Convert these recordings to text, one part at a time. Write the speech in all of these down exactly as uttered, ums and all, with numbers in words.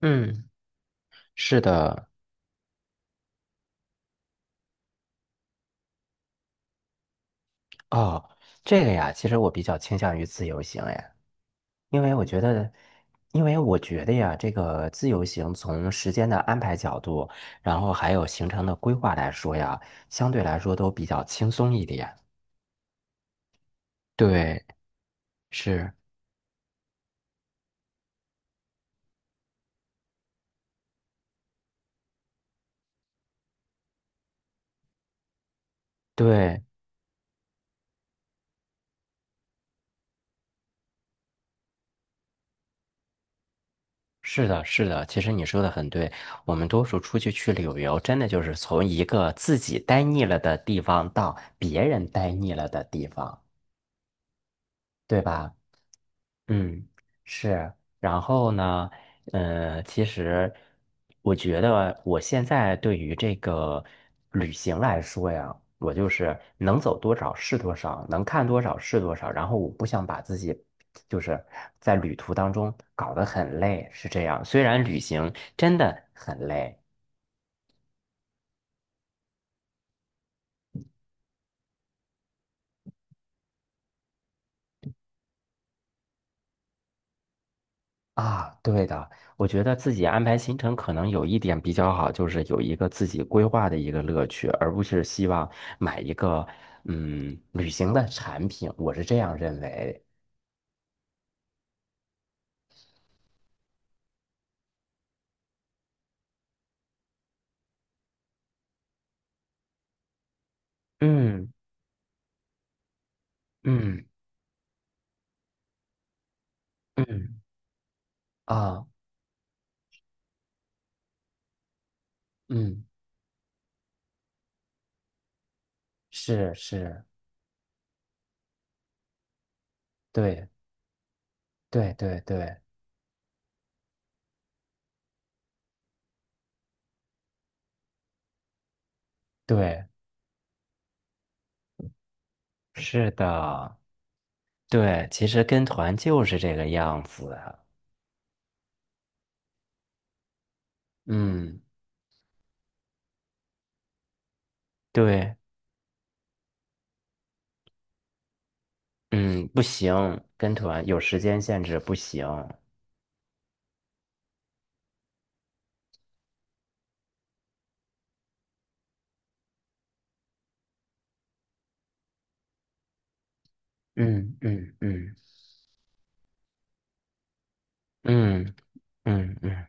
嗯。是的。哦，这个呀，其实我比较倾向于自由行。哎，因为我觉得，因为我觉得呀，这个自由行从时间的安排角度，然后还有行程的规划来说呀，相对来说都比较轻松一点。对。是。对。是的，是的。其实你说的很对，我们多数出去去旅游，真的就是从一个自己待腻了的地方到别人待腻了的地方，对吧？嗯。是。然后呢，呃，其实我觉得我现在对于这个旅行来说呀，我就是能走多少是多少，能看多少是多少。然后我不想把自己就是在旅途当中搞得很累，是这样。虽然旅行真的很累。啊，对的，我觉得自己安排行程可能有一点比较好，就是有一个自己规划的一个乐趣，而不是希望买一个嗯旅行的产品，我是这样认为。嗯嗯嗯。啊。嗯，是是，对对对对对，是的。对，其实跟团就是这个样子。嗯。对。嗯，不行，跟团有时间限制，不行。嗯嗯嗯嗯嗯嗯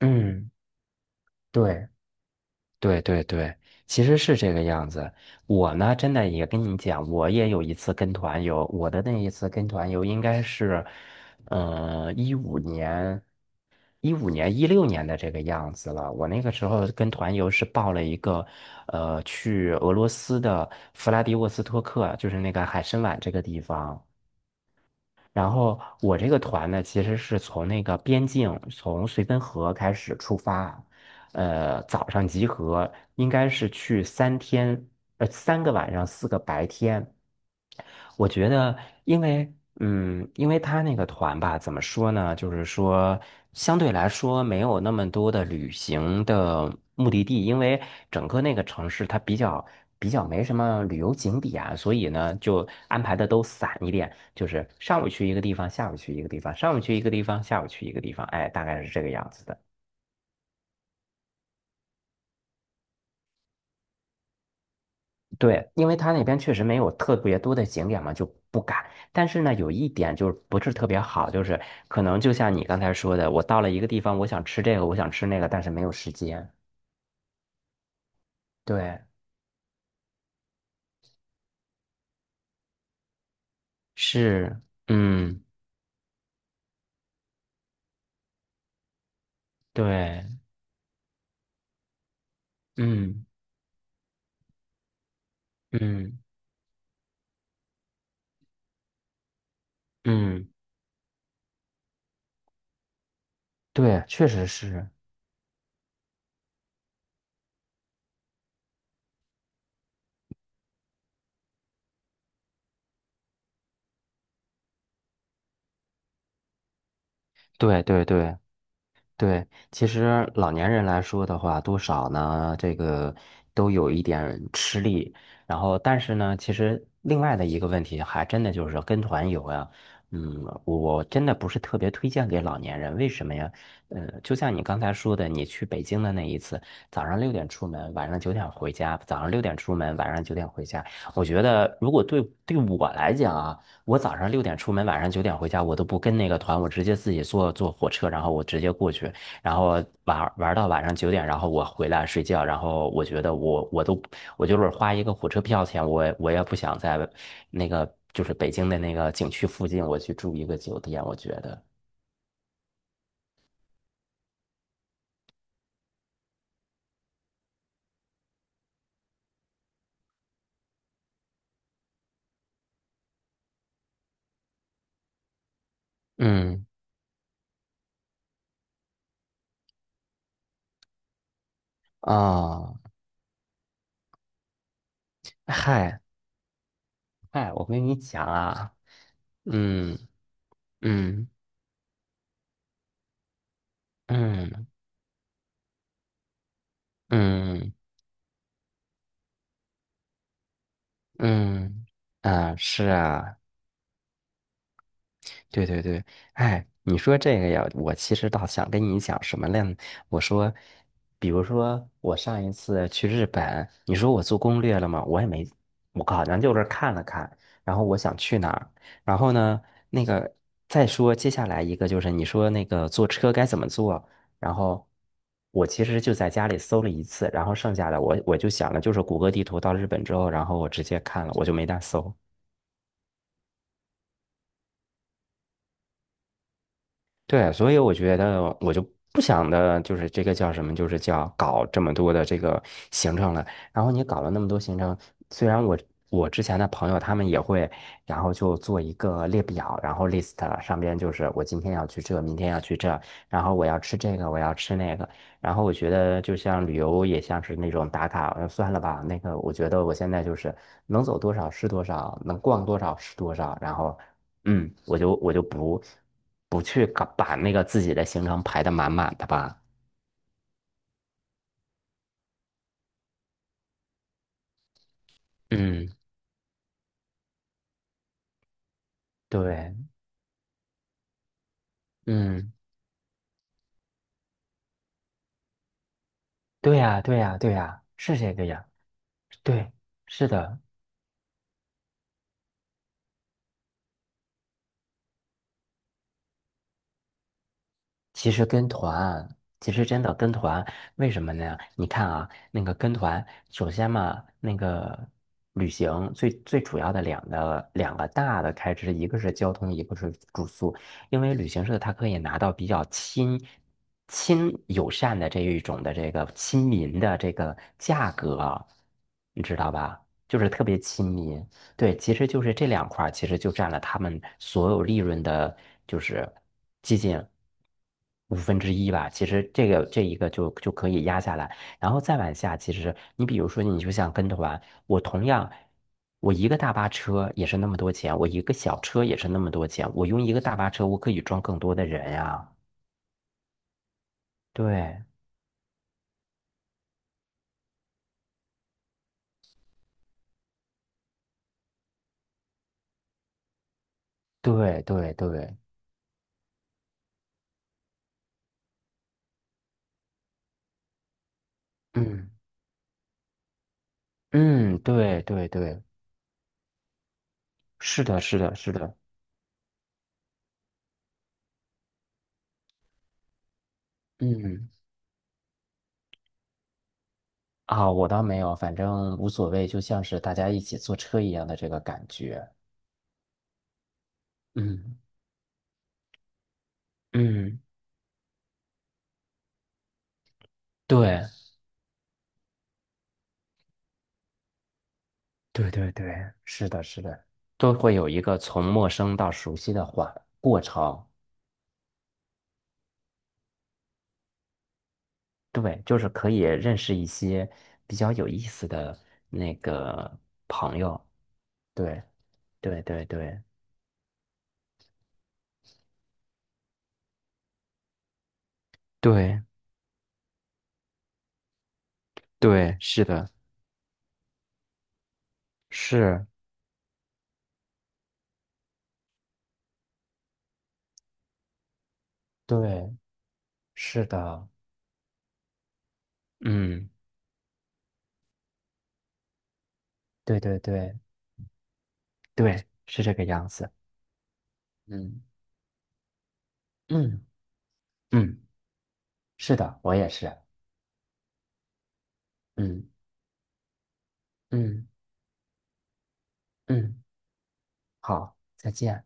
嗯。对对对对，其实是这个样子。我呢，真的也跟你讲，我也有一次跟团游，我的那一次跟团游应该是，呃，一五年、一五年、一六年的这个样子了。我那个时候跟团游是报了一个，呃，去俄罗斯的弗拉迪沃斯托克，就是那个海参崴这个地方。然后我这个团呢，其实是从那个边境，从绥芬河开始出发啊。呃早上集合，应该是去三天，呃三个晚上，四个白天。我觉得，因为嗯，因为他那个团吧，怎么说呢？就是说，相对来说没有那么多的旅行的目的地，因为整个那个城市它比较比较没什么旅游景点啊，所以呢，就安排的都散一点，就是上午去一个地方，下午去一个地方，上午去一个地方，下午去一个地方，哎，大概是这个样子的。对，因为它那边确实没有特别多的景点嘛，就不敢。但是呢，有一点就是不是特别好，就是可能就像你刚才说的，我到了一个地方，我想吃这个，我想吃那个，但是没有时间。对。是。嗯。对。嗯嗯嗯。对，确实是。对对对。对，其实老年人来说的话，多少呢，这个都有一点吃力。然后，但是呢，其实另外的一个问题，还真的就是跟团游呀。嗯，我真的不是特别推荐给老年人，为什么呀？呃，就像你刚才说的，你去北京的那一次，早上六点出门，晚上九点回家；早上六点出门，晚上九点回家。我觉得，如果对对我来讲啊。我早上六点出门，晚上九点回家，我都不跟那个团，我直接自己坐坐火车，然后我直接过去，然后玩玩到晚上九点，然后我回来睡觉，然后我觉得我我都我就是花一个火车票钱，我也我也不想在那个就是北京的那个景区附近，我去住一个酒店，我觉得。嗯。啊。嗨。嗨，我跟你讲啊。嗯嗯嗯嗯嗯嗯。啊，是啊。对对对，哎，你说这个呀，我其实倒想跟你讲什么呢？我说，比如说我上一次去日本，你说我做攻略了吗？我也没，我好像就是看了看，然后我想去哪儿，然后呢，那个再说接下来一个就是你说那个坐车该怎么坐，然后我其实就在家里搜了一次，然后剩下的我我就想了，就是谷歌地图到日本之后，然后我直接看了，我就没大搜。对，所以我觉得我就不想的，就是这个叫什么，就是叫搞这么多的这个行程了。然后你搞了那么多行程，虽然我我之前的朋友他们也会，然后就做一个列表，然后 list 上边就是我今天要去这，明天要去这，然后我要吃这个，我要吃那个。然后我觉得就像旅游也像是那种打卡，呃算了吧，那个我觉得我现在就是能走多少是多少，能逛多少是多少，然后。嗯，我就我就不不去搞把那个自己的行程排的满满的吧。嗯。对。嗯，对呀，对呀，对呀，是这个呀。对，是的。其实跟团，其实真的跟团，为什么呢？你看啊，那个跟团，首先嘛，那个旅行最最主要的两个两个大的开支，一个是交通，一个是住宿。因为旅行社它可以拿到比较亲亲友善的这一种的这个亲民的这个价格啊，你知道吧？就是特别亲民。对，其实就是这两块，其实就占了他们所有利润的，就是接近五分之一吧。其实这个这一个就就可以压下来，然后再往下，其实你比如说，你就像跟团，我同样，我一个大巴车也是那么多钱，我一个小车也是那么多钱，我用一个大巴车，我可以装更多的人呀。对对对对。嗯嗯，对对对，是的，是的，是的。嗯。啊，我倒没有，反正无所谓，就像是大家一起坐车一样的这个感觉。嗯嗯，对对对对，是的，是的，都会有一个从陌生到熟悉的缓过程。对，就是可以认识一些比较有意思的那个朋友。对对对对对对，是的，是，对，是的。嗯，对对对对，是这个样子。嗯嗯嗯。是的，我也是。嗯嗯嗯，好，再见。